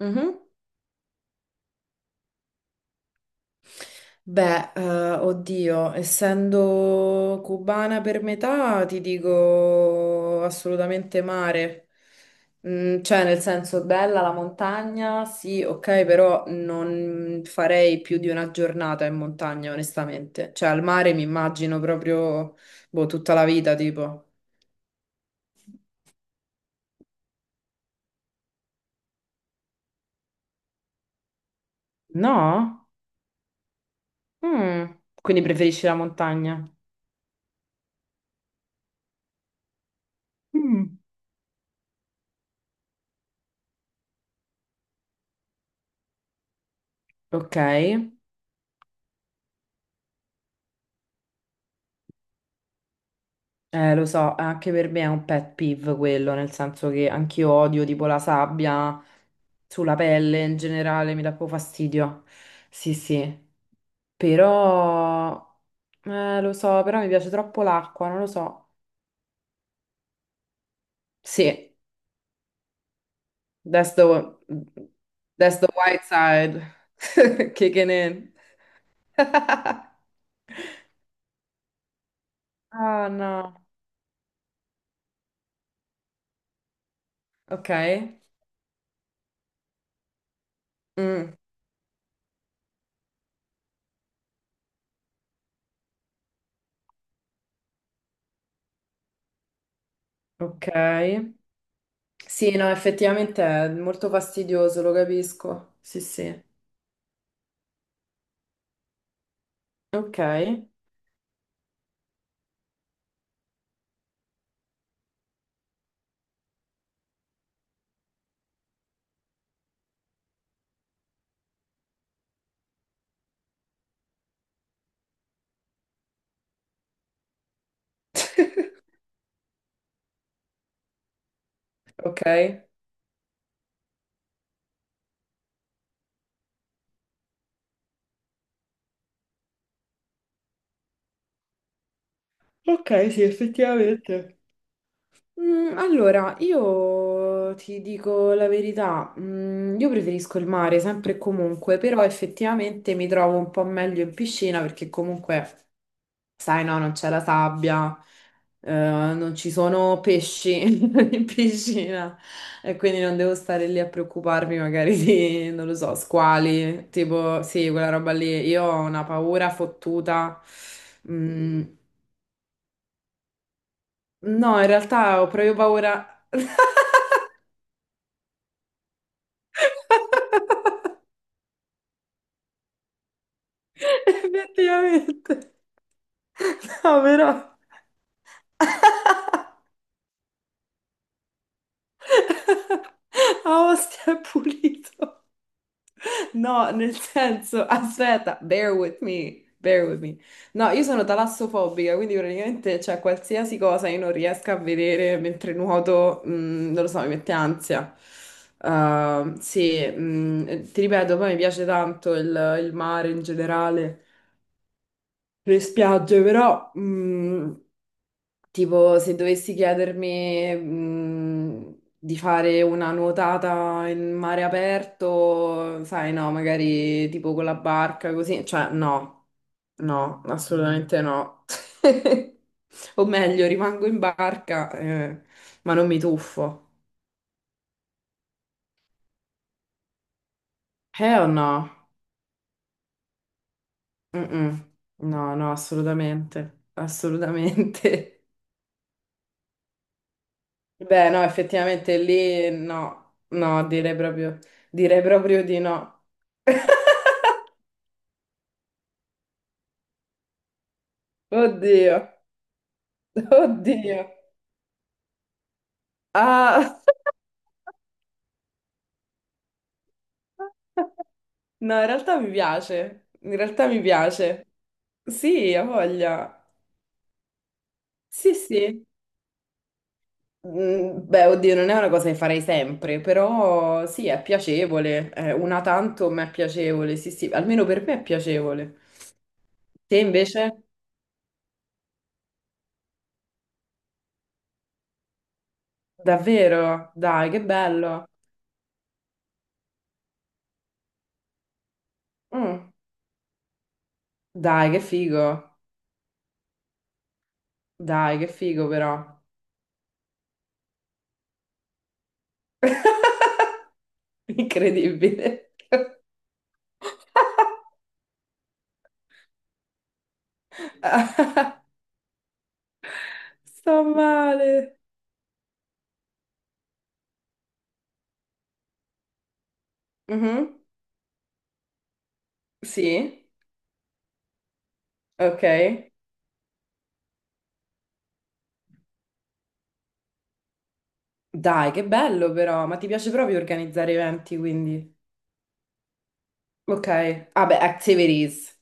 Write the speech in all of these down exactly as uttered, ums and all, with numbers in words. Mhm. Beh, eh, oddio, essendo cubana per metà, ti dico assolutamente mare. Mm, cioè, nel senso, bella la montagna, sì, ok, però non farei più di una giornata in montagna, onestamente. Cioè, al mare mi immagino proprio, boh, tutta la vita, tipo. No? Mm. Quindi preferisci la montagna? Mm. Ok. Eh, lo so, anche per me è un pet peeve quello, nel senso che anch'io odio tipo la sabbia sulla pelle in generale, mi dà proprio fastidio. Sì, sì, però eh, lo so, però mi piace troppo l'acqua, non lo so. Sì, that's the, that's the white side. Kicking in. Ah no, ok. Mm, ok. Sì, no, effettivamente è molto fastidioso, lo capisco. Sì, sì. Ok, ok. Ok, sì, effettivamente. Mm, allora, io ti dico la verità, mm, io preferisco il mare sempre e comunque, però effettivamente mi trovo un po' meglio in piscina perché comunque sai, no, non c'è la sabbia, eh, non ci sono pesci in piscina e quindi non devo stare lì a preoccuparmi magari di, non lo so, squali, tipo, sì, quella roba lì. Io ho una paura fottuta. Mm, no, in realtà ho proprio paura. Effettivamente. No, però. Ah, Ostia è pulito. No, nel senso, aspetta, bear with me, bear with me. No, io sono talassofobica, quindi praticamente c'è qualsiasi cosa io non riesco a vedere mentre nuoto, mm, non lo so, mi mette ansia. Uh, sì, mm, ti ripeto, poi mi piace tanto il, il mare in generale, le spiagge, però mm, tipo, se dovessi chiedermi, mh, di fare una nuotata in mare aperto, sai, no, magari tipo con la barca, così, cioè, no, no, assolutamente no. O meglio, rimango in barca, eh, ma non mi tuffo. Eh o no? Mm-mm. No, no, assolutamente, assolutamente. Beh, no, effettivamente lì no, no, direi proprio, direi proprio di no. Oddio, oddio. Ah. No, in realtà mi piace, in realtà mi piace. Sì, ha voglia. Sì, sì. Mm, beh, oddio, non è una cosa che farei sempre, però sì, è piacevole. È una tanto, ma è piacevole. Sì, sì, almeno per me è piacevole. Te invece? Davvero? Dai, che bello. Mm. Dai, che figo. Dai, che figo però. Incredibile. Sto male. Mhm. Sì, ok. Dai, che bello però. Ma ti piace proprio organizzare eventi, quindi. Ok. Ah beh, activities.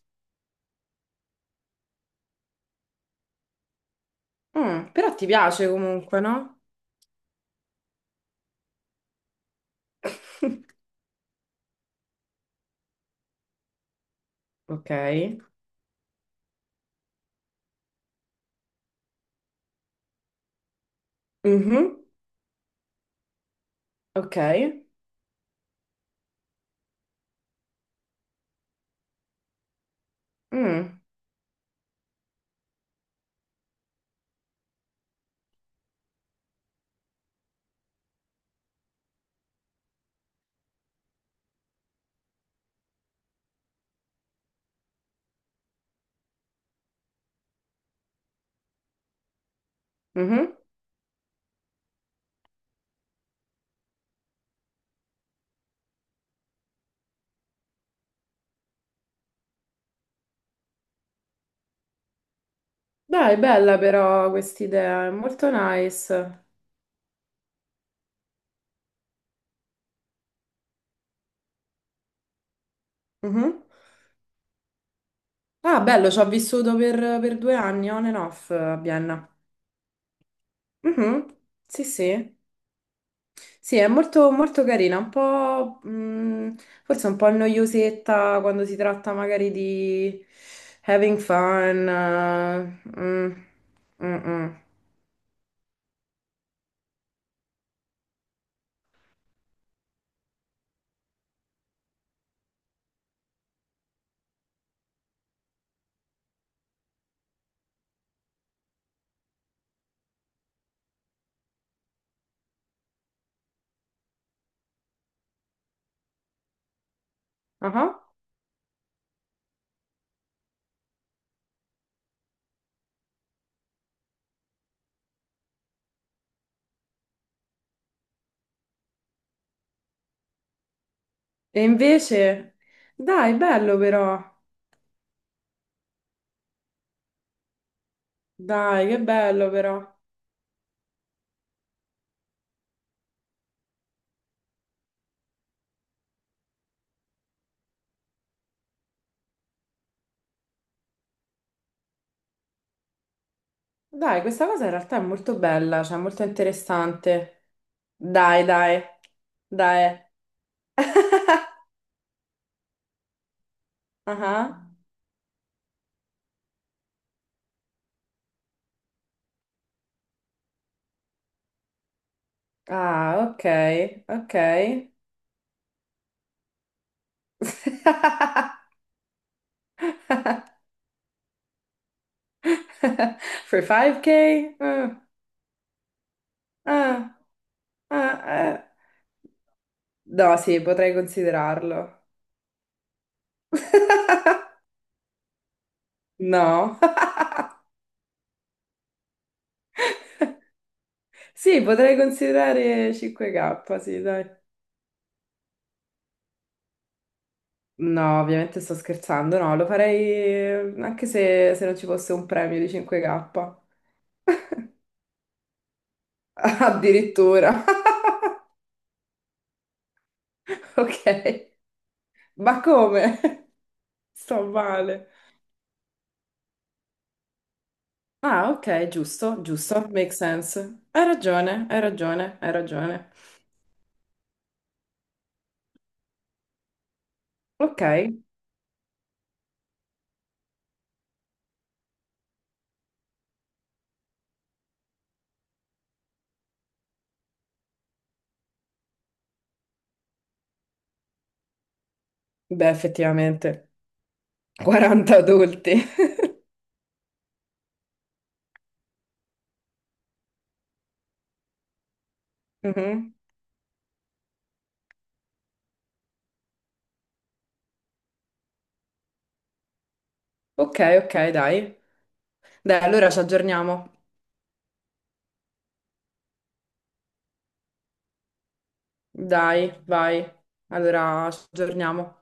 Mm, però ti piace comunque, no? Ok. Mhm. Ok. Mm. Mhm. Dai, bella però questa idea, è molto nice. Mhm. Ah, bello, ci ho vissuto per, per due anni, on and off, a Vienna. Mhm. Sì, sì. Sì, è molto, molto carina, un po', mh, forse un po' noiosetta quando si tratta magari di having fun. Eh, mm, mm, mm. Ah. E invece, dai, bello però, dai, che bello però. Dai, questa cosa in realtà è molto bella, cioè molto interessante. Dai, dai, dai. Ah, ah, ok, ok. For five K? Mm, ah, ah, ah, eh. No, sì, potrei considerarlo. No, sì, potrei considerare five K, sì, dai. No, ovviamente sto scherzando, no, lo farei mm, anche se, se non ci fosse un premio di five K. Addirittura. Ok, ma come? Sto male. Ah, ok, giusto, giusto, make sense. Hai ragione, hai ragione, hai ragione. Ok, beh, effettivamente, quaranta adulti. Mhm. Ok, ok, dai. Dai, allora ci aggiorniamo. Dai, vai. Allora ci aggiorniamo.